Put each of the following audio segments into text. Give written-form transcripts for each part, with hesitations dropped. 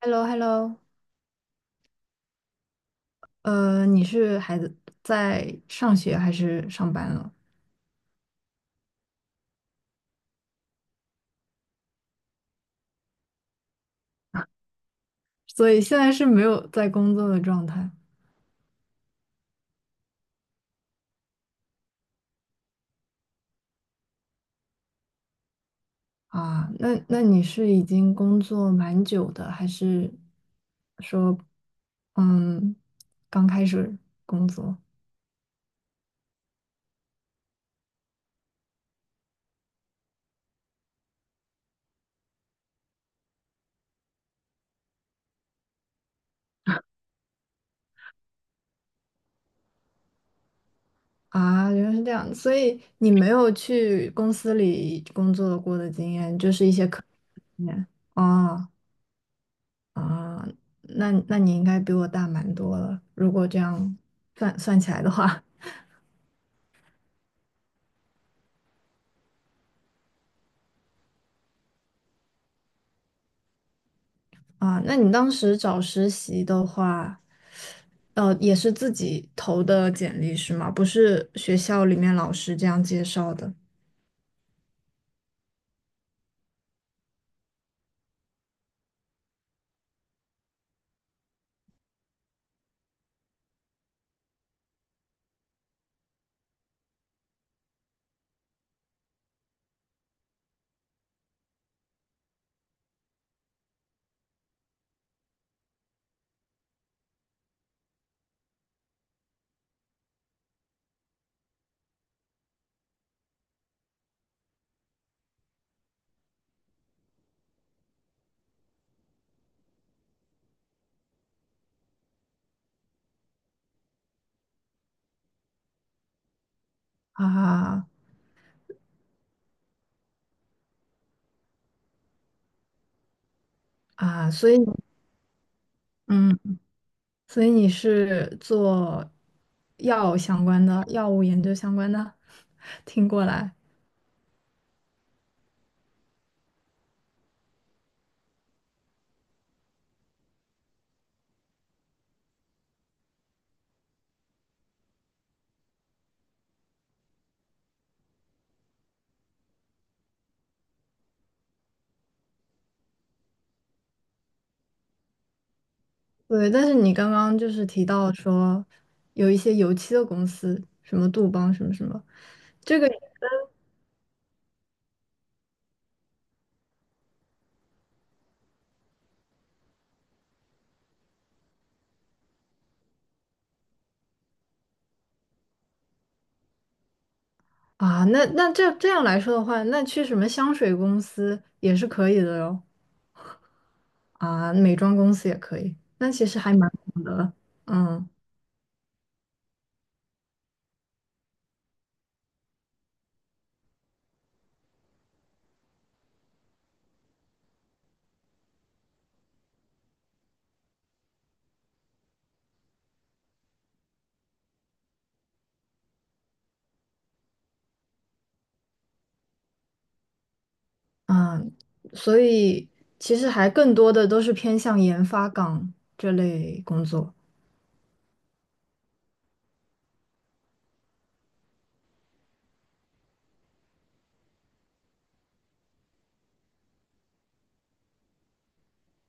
h e l l o 你是孩子在上学还是上班了？所以现在是没有在工作的状态啊？那你是已经工作蛮久的，还是说，嗯，刚开始工作啊？原来是这样，所以你没有去公司里工作过的经验，就是一些科经验哦啊，那你应该比我大蛮多了，如果这样算起来的话。啊，那你当时找实习的话，也是自己投的简历是吗？不是学校里面老师这样介绍的啊啊，所以嗯，所以你是做药相关的，药物研究相关的，听过来。对，但是你刚刚就是提到说有一些油漆的公司，什么杜邦什么什么啊，那这样来说的话，那去什么香水公司也是可以的哟。啊，美妆公司也可以，那其实还蛮好的，嗯嗯，所以其实还更多的都是偏向研发岗这类工作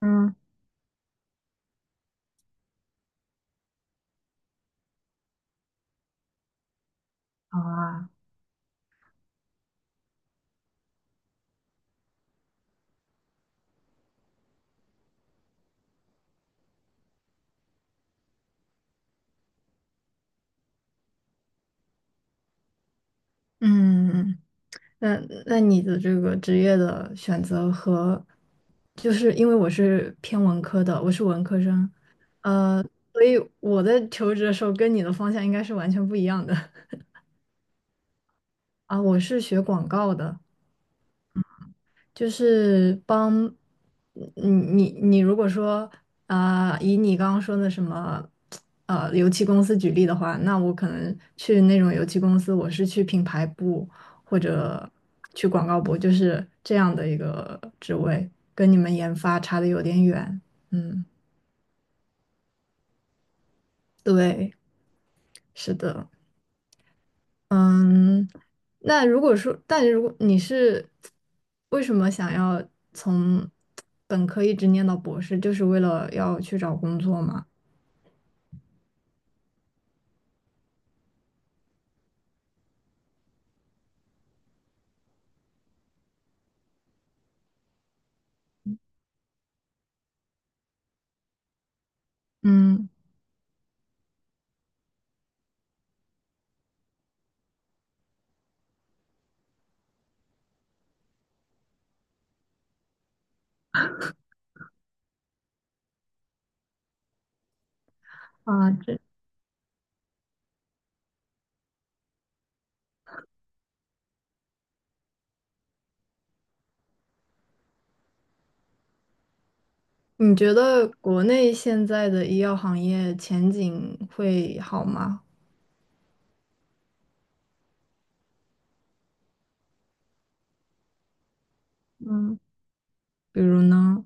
嗯。啊，嗯，那那你的这个职业的选择和，就是因为我是偏文科的，我是文科生，呃，所以我在求职的时候跟你的方向应该是完全不一样的 啊，我是学广告的。就是帮你如果说啊、以你刚刚说的什么油漆公司举例的话，那我可能去那种油漆公司，我是去品牌部或者去广告部，就是这样的一个职位，跟你们研发差的有点远。嗯，对，是的。嗯，那如果说，但如果你是为什么想要从本科一直念到博士，就是为了要去找工作吗？嗯。啊，这你觉得国内现在的医药行业前景会好吗？嗯比如呢，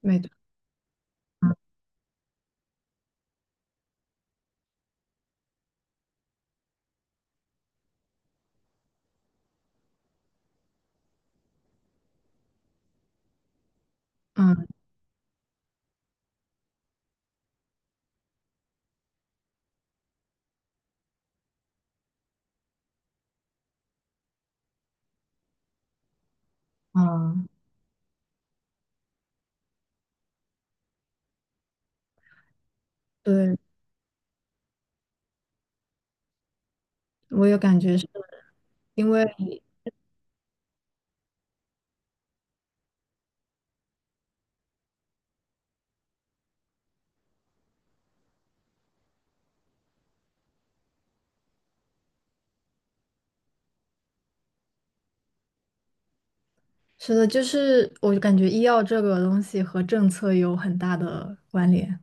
美，嗯嗯，对，我有感觉是因为是的，就是我感觉医药这个东西和政策有很大的关联。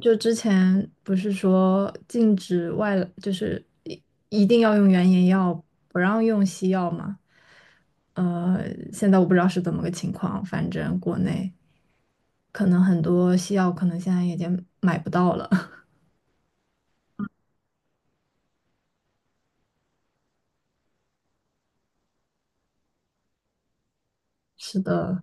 就之前不是说禁止外来就是一定要用原研药，不让用西药嘛？呃，现在我不知道是怎么个情况，反正国内可能很多西药可能现在已经买不到了。是的，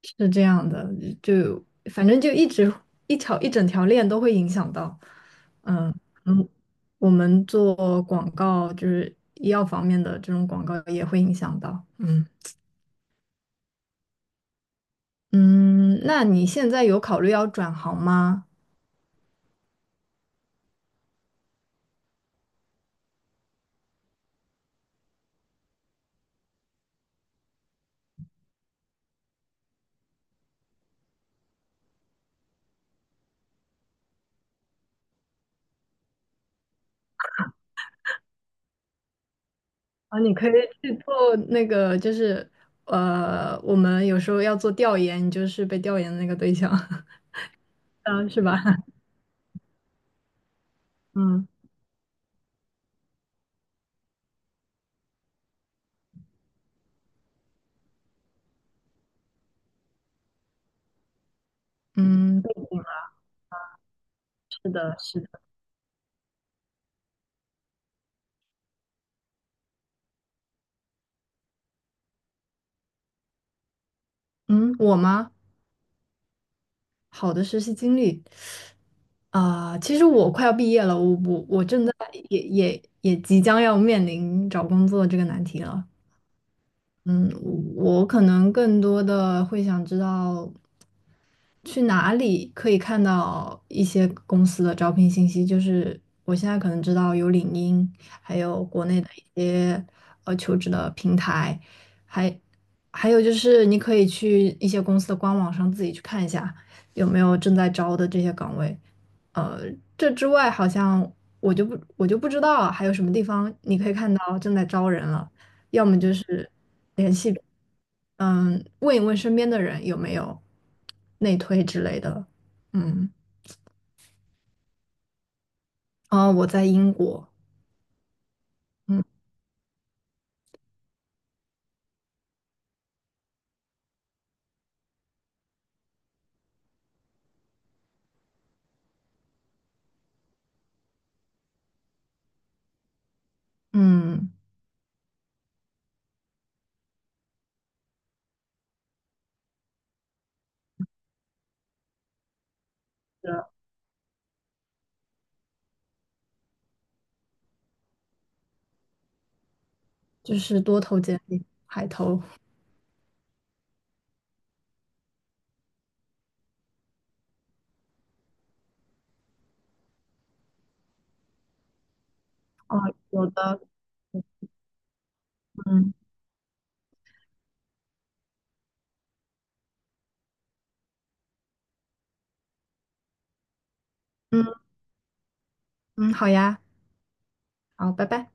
是这样的，就反正就一直一条一整条链都会影响到，嗯嗯，我们做广告就是医药方面的这种广告也会影响到，嗯。嗯，那你现在有考虑要转行吗？啊，你可以去做那个，就是我们有时候要做调研，你就是被调研的那个对象，啊，是吧？嗯嗯，背景是的，是的。嗯，我吗？好的实习经历啊，其实我快要毕业了，我正在也即将要面临找工作这个难题了。嗯，我可能更多的会想知道，去哪里可以看到一些公司的招聘信息？就是我现在可能知道有领英，还有国内的一些求职的平台，还还有就是你可以去一些公司的官网上自己去看一下有没有正在招的这些岗位。呃，这之外好像我就不知道还有什么地方你可以看到正在招人了，要么就是。联系。嗯，问一问身边的人有没有内推之类的。嗯，哦，我在英国，嗯嗯，是的就是多投简历，海投。哦，有的，嗯嗯嗯，好呀，好，拜拜。